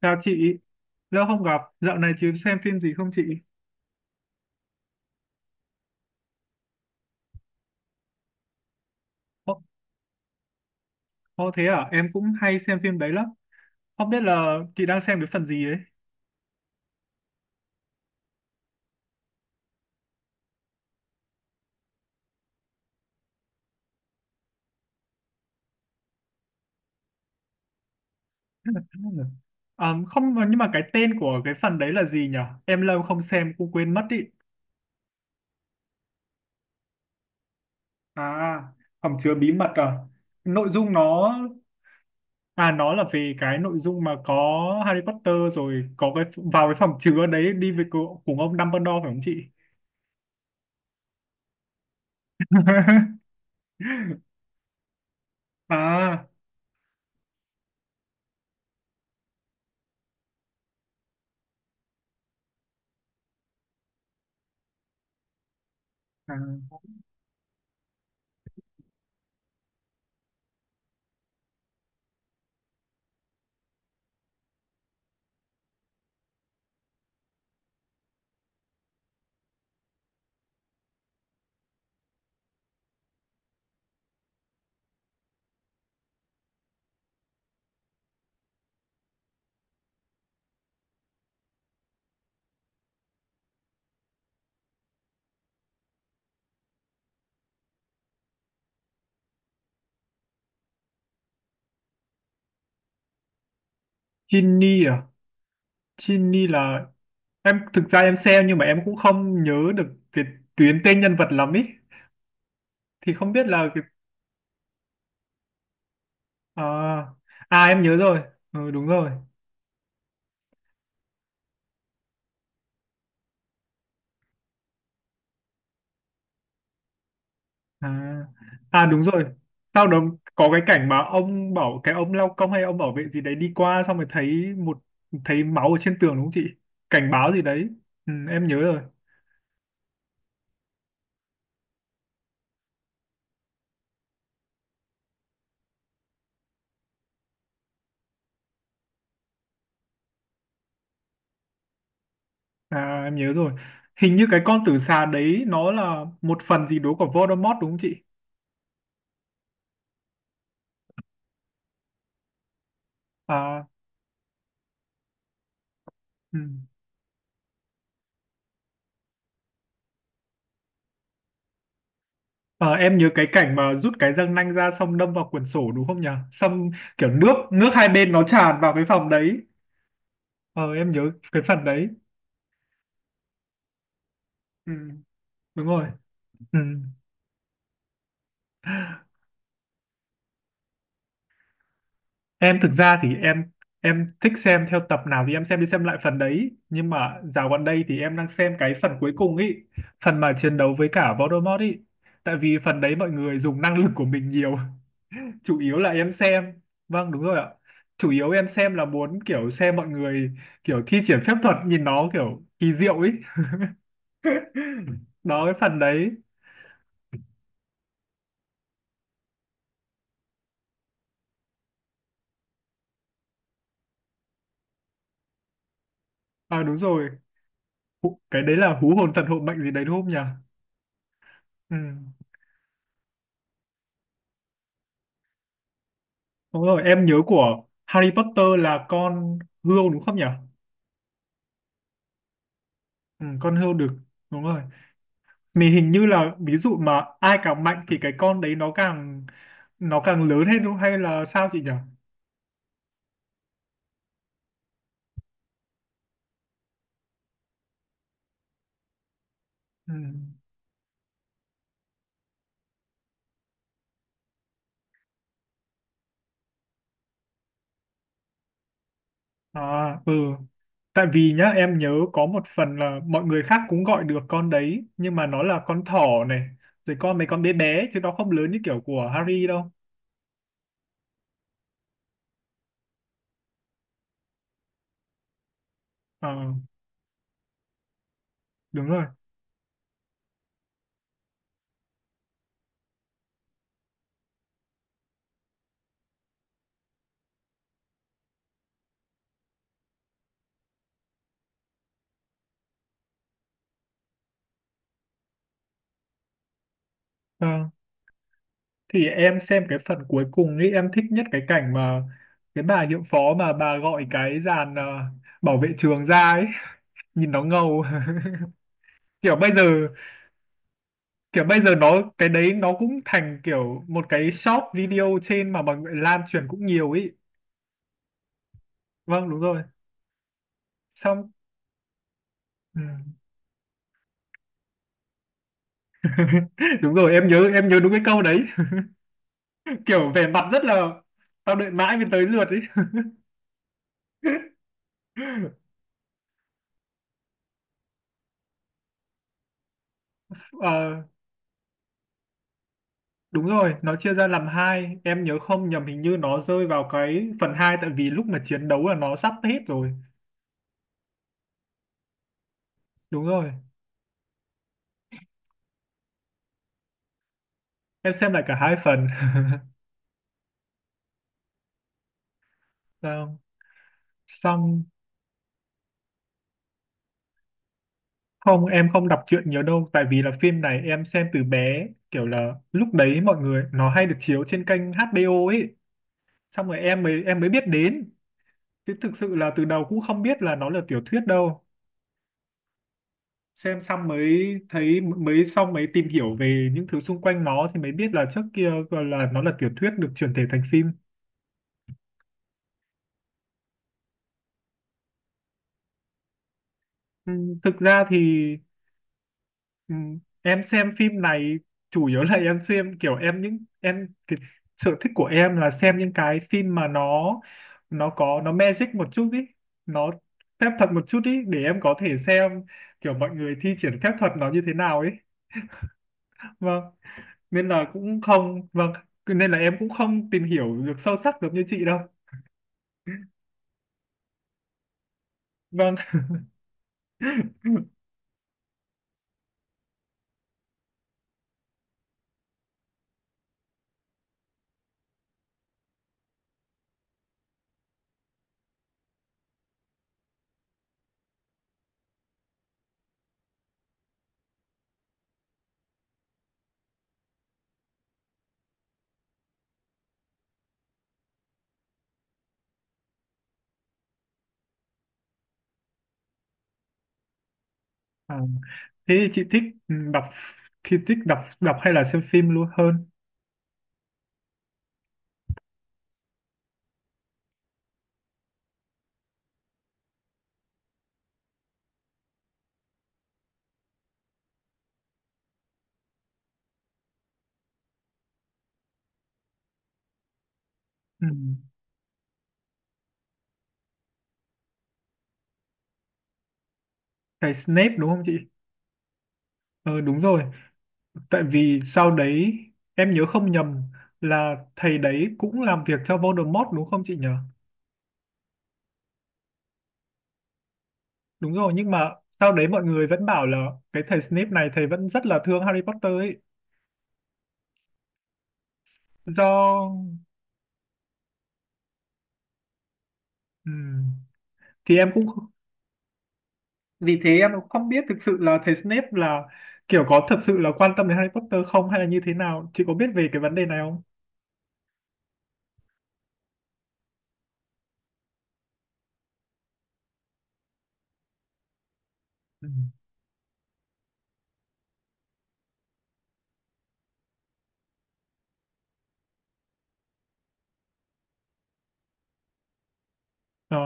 Chào chị, lâu không gặp, dạo này chị xem phim gì không chị? Ô, thế à, em cũng hay xem phim đấy lắm. Không biết là chị đang xem cái phần gì ấy. À, không, nhưng mà cái tên của cái phần đấy là gì nhỉ? Em lâu không xem cũng quên mất ý. À, hầm chứa bí mật à? Nội dung nó, À nó là về cái nội dung mà có Harry Potter rồi có cái vào cái phòng chứa đấy đi với cùng ông Dumbledore phải không chị? À, à, Ginny à? Ginny là, em thực ra em xem nhưng mà em cũng không nhớ được cái tuyến tên nhân vật lắm ý, thì không biết là cái... À, à em nhớ rồi. Ừ, đúng rồi. À, à đúng rồi. Sau đó có cái cảnh mà ông bảo cái ông lao công hay ông bảo vệ gì đấy đi qua xong rồi thấy một, thấy máu ở trên tường đúng không chị, cảnh báo gì đấy. Ừ, em nhớ rồi. À, em nhớ rồi, hình như cái con tử xà đấy nó là một phần gì đó của Voldemort đúng không chị? À, ừ. Ờ, em nhớ cái cảnh mà rút cái răng nanh ra xong đâm vào quyển sổ đúng không nhỉ? Xong kiểu nước nước hai bên nó tràn vào cái phòng đấy. Ờ, em nhớ cái phần đấy. Ừ, đúng rồi. Ừ. Em thực ra thì em thích xem theo tập nào thì em xem đi xem lại phần đấy. Nhưng mà dạo gần đây thì em đang xem cái phần cuối cùng ý. Phần mà chiến đấu với cả Voldemort ý. Tại vì phần đấy mọi người dùng năng lực của mình nhiều, chủ yếu là em xem. Vâng đúng rồi ạ, chủ yếu em xem là muốn kiểu xem mọi người kiểu thi triển phép thuật nhìn nó kiểu kỳ diệu ấy. Đó cái phần đấy. À đúng rồi. Cái đấy là hú hồn thần hộ mệnh gì đấy đúng không nhỉ? Ừ. Đúng rồi em nhớ của Harry Potter là con hươu đúng không nhỉ? Ừ, con hươu được, đúng rồi. Mình hình như là ví dụ mà ai càng mạnh thì cái con đấy nó càng lớn hết hay là sao chị nhỉ? Ừ. À, ừ. Tại vì nhá, em nhớ có một phần là mọi người khác cũng gọi được con đấy, nhưng mà nó là con thỏ này, rồi mấy con bé bé, chứ nó không lớn như kiểu của Harry đâu. Ờ, đúng rồi. Ờ, thì em xem cái phần cuối cùng ấy, em thích nhất cái cảnh mà cái bà hiệu phó mà bà gọi cái dàn bảo vệ trường ra ấy, nhìn nó ngầu. Kiểu bây giờ, Kiểu bây giờ cái đấy nó cũng thành kiểu một cái short video trên mà mọi người lan truyền cũng nhiều ấy. Vâng, đúng rồi, xong. Ừ. Đúng rồi em nhớ đúng cái câu đấy. Kiểu vẻ mặt rất là, tao đợi mãi mới tới lượt ấy. Ờ, đúng rồi nó chia ra làm hai, em nhớ không nhầm hình như nó rơi vào cái phần hai tại vì lúc mà chiến đấu là nó sắp hết rồi. Đúng rồi em xem lại cả hai phần. Sao? Xong không em không đọc truyện nhiều đâu tại vì là phim này em xem từ bé kiểu là lúc đấy mọi người nó hay được chiếu trên kênh HBO ấy, xong rồi em mới biết đến. Chứ thực sự là từ đầu cũng không biết là nó là tiểu thuyết đâu. Xem xong mới thấy mới xong mới tìm hiểu về những thứ xung quanh nó thì mới biết là trước kia gọi là nó là tiểu thuyết được chuyển thể thành phim. Ừ, thực ra thì ừ, Em xem phim này chủ yếu là em xem kiểu em những em cái sở thích của em là xem những cái phim mà nó có nó magic một chút ý, nó phép thuật một chút ý để em có thể xem kiểu mọi người thi triển phép thuật nó như thế nào ấy. Vâng. Nên là cũng không, vâng, nên là em cũng không tìm hiểu được sâu sắc được như chị đâu. Vâng. À, thế thì chị thích, ừ, đọc thì thích đọc đọc hay là xem phim luôn hơn? Ừ. Cái Snape đúng không chị? Ờ đúng rồi, tại vì sau đấy em nhớ không nhầm là thầy đấy cũng làm việc cho Voldemort đúng không chị nhỉ? Đúng rồi nhưng mà sau đấy mọi người vẫn bảo là cái thầy Snape này thầy vẫn rất là thương Harry Potter ấy. Do ừ. thì em cũng Vì thế em cũng không biết thực sự là thầy Snape là kiểu có thật sự là quan tâm đến Harry Potter không hay là như thế nào, chị có biết về cái vấn đề này không? Ừ. Ờ,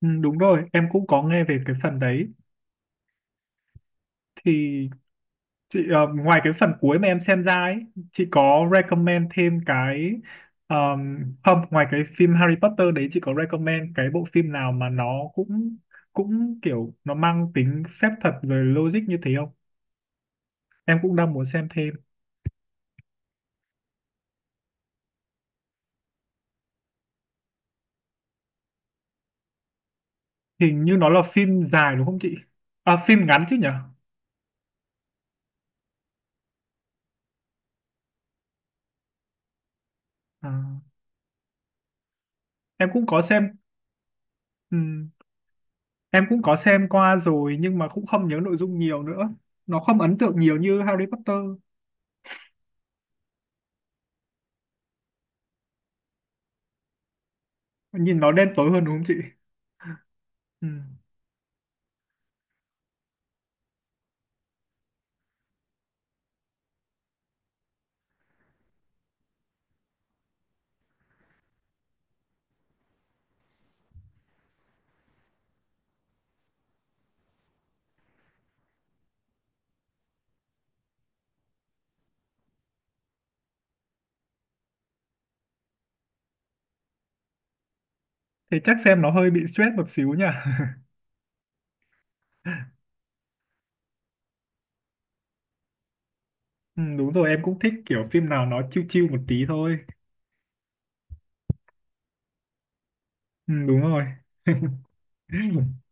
ừ, đúng rồi, em cũng có nghe về cái phần đấy. Thì chị ngoài cái phần cuối mà em xem ra ấy, chị có recommend thêm cái không, ngoài cái phim Harry Potter đấy chị có recommend cái bộ phim nào mà nó cũng cũng kiểu nó mang tính phép thuật rồi logic như thế không? Em cũng đang muốn xem thêm. Hình như nó là phim dài đúng không chị? À, phim ngắn chứ nhỉ? À, em cũng có xem, ừm, em cũng có xem qua rồi nhưng mà cũng không nhớ nội dung nhiều nữa. Nó không ấn tượng nhiều như Harry Potter. Nhìn nó đen tối hơn đúng không chị? Ừm. Thế chắc xem nó hơi bị stress một xíu nhỉ? Đúng rồi, em cũng thích kiểu phim nào nó chill chill một tí thôi. Đúng rồi.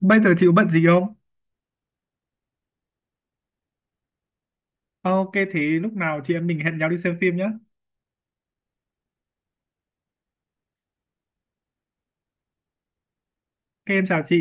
Bây giờ chị có bận gì không? Ok, thế lúc nào chị em mình hẹn nhau đi xem phim nhé. Ok, em chào chị.